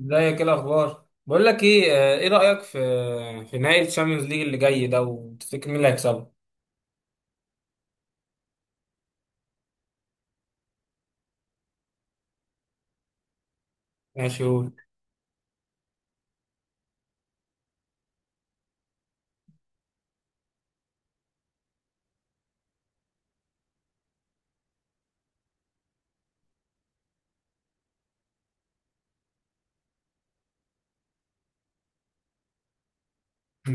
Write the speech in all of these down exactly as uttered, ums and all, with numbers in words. ازيك؟ ايه الاخبار؟ بقول لك ايه. آه، ايه رايك في في نهائي الشامبيونز ليج اللي جاي ده؟ وتفتكر مين اللي هيكسبه؟ ماشي قول.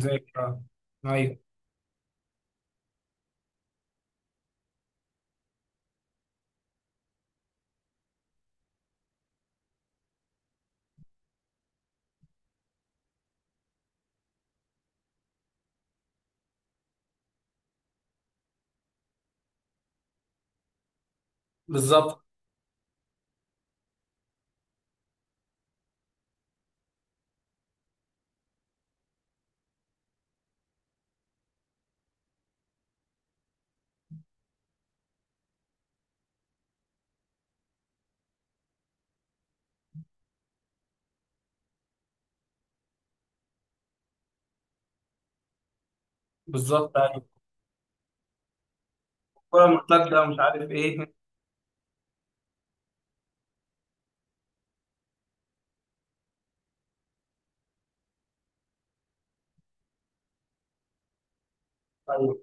زي كده. ايوه. بالظبط. بالظبط، ايوه. الكوره مرتده ومش عارف ايه. ايوه.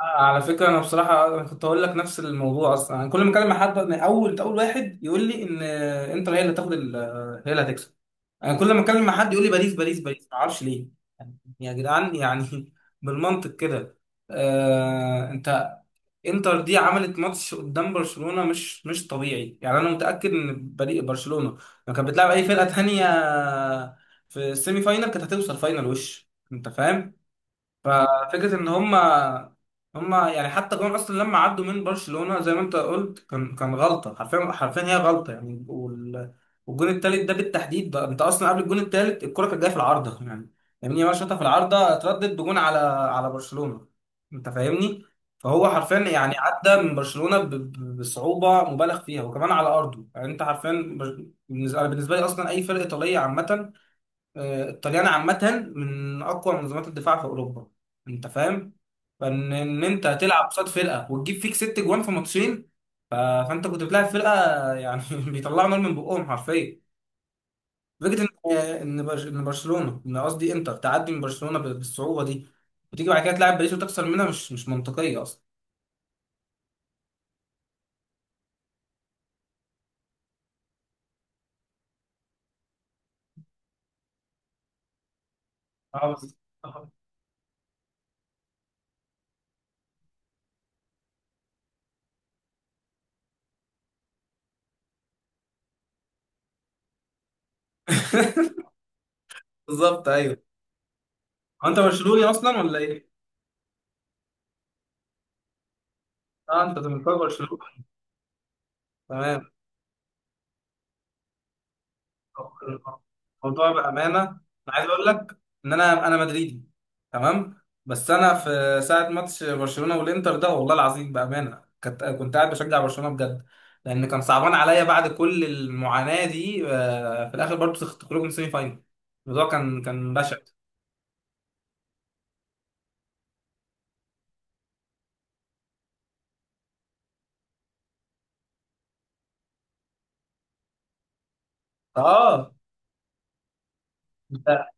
آه، على فكره، انا بصراحه أنا كنت هقول لك نفس الموضوع اصلا. انا كل ما اكلم مع حد من اول اول واحد يقول لي ان آه، انتر هي اللي هتاخد ال- آه، هي اللي هتكسب. انا كل ما اتكلم مع حد يقول لي باريس باريس باريس، ما اعرفش ليه. يعني يا جدعان يعني بالمنطق كده. آه انت، انتر دي عملت ماتش قدام برشلونة مش مش طبيعي يعني. انا متأكد ان فريق برشلونة لو كانت بتلعب اي فرقة تانية في السيمي فاينال كانت هتوصل فاينال، وش انت فاهم؟ ففكره ان هما هما يعني، حتى جون اصلا لما عدوا من برشلونه زي ما انت قلت كان كان غلطه، حرفيا حرفيا هي غلطه يعني. وال- والجون التالت ده بالتحديد، ده انت اصلا قبل الجون التالت الكره كانت جايه في العارضه يعني، لامين يامال شاطها في العارضه اتردد بجون على على برشلونه. انت فاهمني؟ فهو حرفيا يعني عدى من برشلونه ب- ب- بصعوبه مبالغ فيها وكمان على ارضه يعني. انت حرفيا بر- بالنسبه بالنسبه لي اصلا اي فرقه ايطاليه عامه. آه، الطليان عامة من أقوى منظمات الدفاع في أوروبا. أنت فاهم؟ فإن إن أنت تلعب قصاد فرقة وتجيب فيك ست جوان في ماتشين، ف... فأنت كنت بتلعب فرقة يعني بيطلعوا نار من بقهم حرفيا. فكرة إن آه، إن برش- إن برشلونة، إن قصدي إنتر تعدي من برشلونة ب- بالصعوبة دي، وتيجي بعد كده تلعب باريس وتخسر منها، مش مش منطقية أصلا. اه، بالظبط. بالظبط، أيوه. هو أنت برشلوني أصلا ولا إيه؟ أه، أنت زملكاوي برشلونة. تمام، الموضوع بأمانة. أنا عايز أقول لك إن أنا أنا مدريدي. تمام، بس أنا في ساعة ماتش برشلونة والإنتر ده والله العظيم بأمانة كنت كنت قاعد بشجع برشلونة بجد، لأن كان صعبان عليا بعد كل المعاناة دي آه، في الآخر برضه تخرجوا من سيمي فاينل. الموضوع كان كان بشع. اه. ده-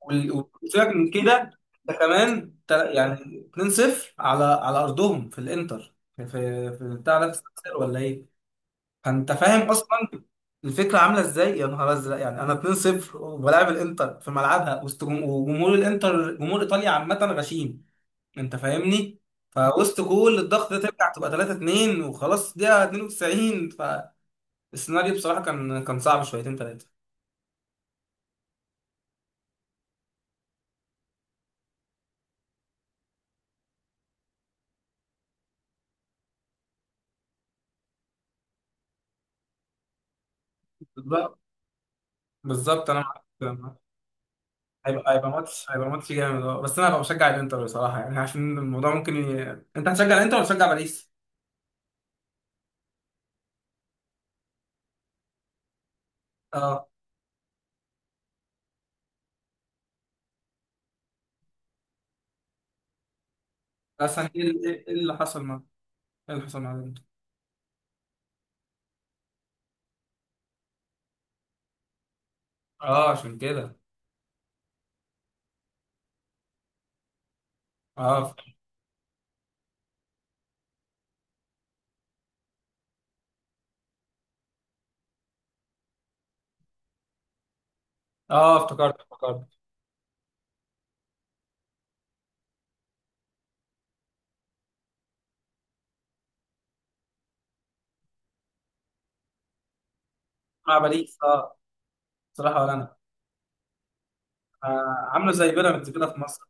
وال- وسيبك من كده. ده كمان تا- يعني اتنين صفر على على ارضهم في الانتر، في في في بتاع ده، في السان سيرو ولا ايه؟ فانت فاهم اصلا الفكره عامله ازاي، يا نهار ازرق يعني. انا اتنين صفر وبلاعب الانتر في ملعبها وسط جم- وجمهور الانتر، جمهور ايطاليا عامه غشيم، انت فاهمني. فوسط كل الضغط ده ترجع تبقى ثلاثة اثنين وخلاص دقيقه اتنين وتسعين، فالسيناريو بصراحه كان كان صعب شويتين ثلاثه. بالظبط انا معاك. معاك. هيبقى هيبقى ماتش هيبقى ماتش جامد، اه. بس انا هبقى بشجع الانتر بصراحه يعني عشان الموضوع ممكن ي... انت هتشجع الانتر ولا تشجع باريس؟ اه، بس ايه إيه- إيه اللي حصل مع ايه اللي حصل مع؟ اه، عشان كده. اه اه. افتكرت، افتكرت. مع باريس، اه. بصراحه، ولا انا. آه عامله زي بيراميدز كده في مصر،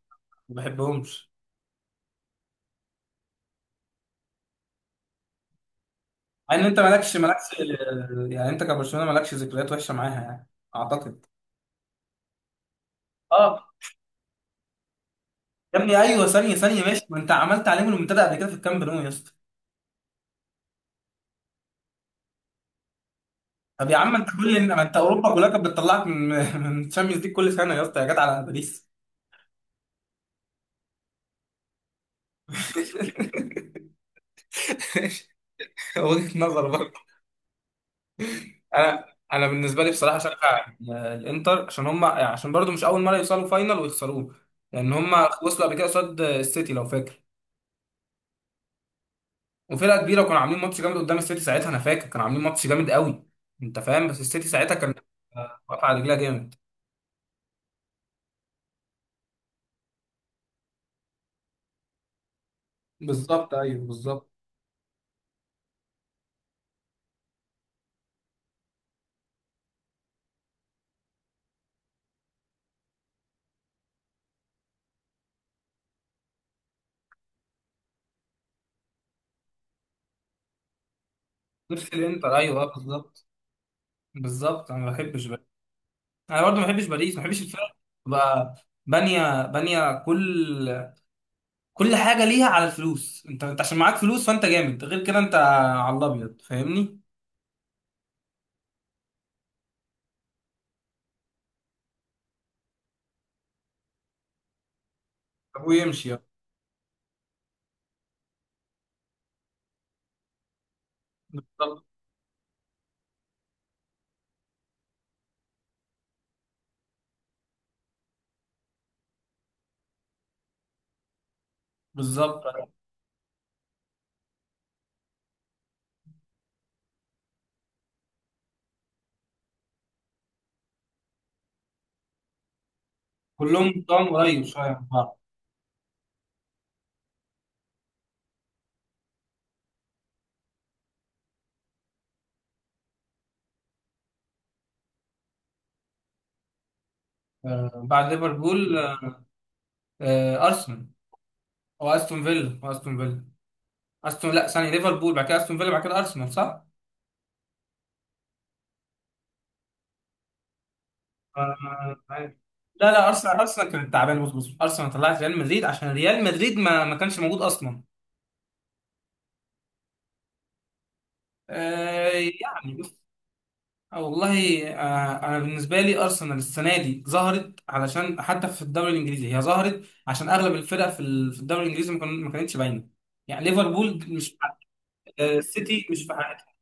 ما بحبهمش. مع ان انت مالكش مالكش، يعني انت كبرشلونه مالكش ذكريات وحشه معاها يعني، اعتقد. اه، يا ابني ايوه، ثانيه ثانيه. ماشي، ما انت عملت عليهم المنتدى قبل كده في الكامب نو يا اسطى. طب يا عم انت، كل ما انت اوروبا كلها كانت بتطلعك من من تشامبيونز ليج كل سنه يا اسطى، يا جدع على باريس. وجهه نظر. انا انا بالنسبه لي بصراحه اشجع الانتر عشان هم، يعني عشان برضو مش اول مره يوصلوا فاينل ويخسروه، لان هم وصلوا قبل كده قصاد السيتي لو فاكر. وفرقه كبيره، وكانوا عاملين ماتش جامد قدام السيتي ساعتها، انا فاكر كانوا عاملين ماتش جامد قوي. انت فاهم، بس السيتي ساعتها كان آه، واقف على رجلها جامد. بالظبط ايوه بالظبط. نفس الانتر ايوه اه بالظبط. بالظبط، انا ما بحبش باريس. انا برضو ما بحبش باريس، ما بحبش الفرق. تبقى بانيه بانيه كل كل حاجه ليها على الفلوس. انت انت عشان معاك فلوس فانت جامد، غير كده انت على الابيض، فاهمني؟ ابوه يمشي يلا. بالظبط. بالظبط. كلهم طبعا قريب شويه من بعض. آه، بعد ليفربول. آه، ارسنال. او استون فيلا، أو استون فيلا. استون لا، ثانيه ليفربول، بعد كده استون فيلا، بعد كده ارسنال، صح؟ آه، عارف. لا لا، ارسنال ارسنال كانت تعبانه. بص بص، ارسنال طلعت ريال مدريد عشان ريال مدريد ما ما كانش موجود اصلا. آه، يعني، آه، والله آه، انا بالنسبه لي ارسنال السنه دي ظهرت علشان حتى في الدوري الانجليزي هي ظهرت عشان اغلب الفرق في ال- في الدوري الانجليزي ما كان- ما كانتش باينه، يعني ليفربول مش في حق- آه، السيتي مش في حقها.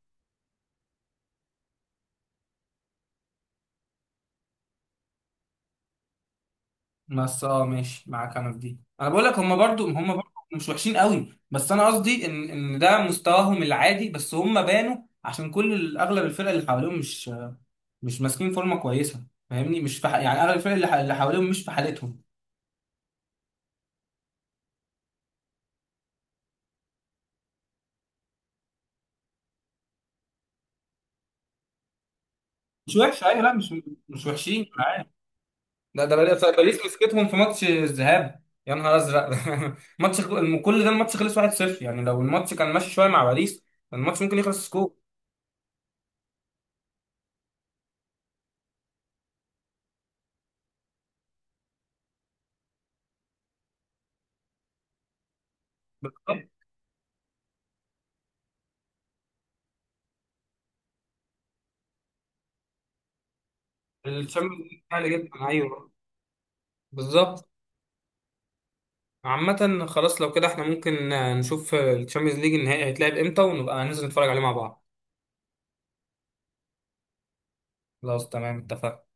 بس اه ماشي معاك انا في دي، انا بقول لك هم برضو هم برضو مش وحشين قوي، بس انا قصدي ان ان ده مستواهم العادي، بس هم بانوا عشان كل ال- اغلب الفرق اللي حواليهم مش مش ماسكين فورمه كويسه، فاهمني؟ مش في ح- يعني اغلب الفرق اللي ح- اللي حواليهم مش في حالتهم. مش وحشه ايوه، لا مش مش وحشين. ده ده باريس باريس مسكتهم في ماتش الذهاب، يا نهار ازرق ماتش الخ- كل ده الماتش خلص واحد صفر يعني، لو الماتش كان ماشي شويه مع باريس كان الماتش ممكن يخلص سكور. الشامبيونز ليج سهل جدا، ايوه، بالظبط. عامة خلاص، لو كده احنا ممكن نشوف الشامبيونز ليج النهائي هيتلعب امتى ونبقى ننزل نتفرج عليه مع بعض. خلاص تمام اتفقنا.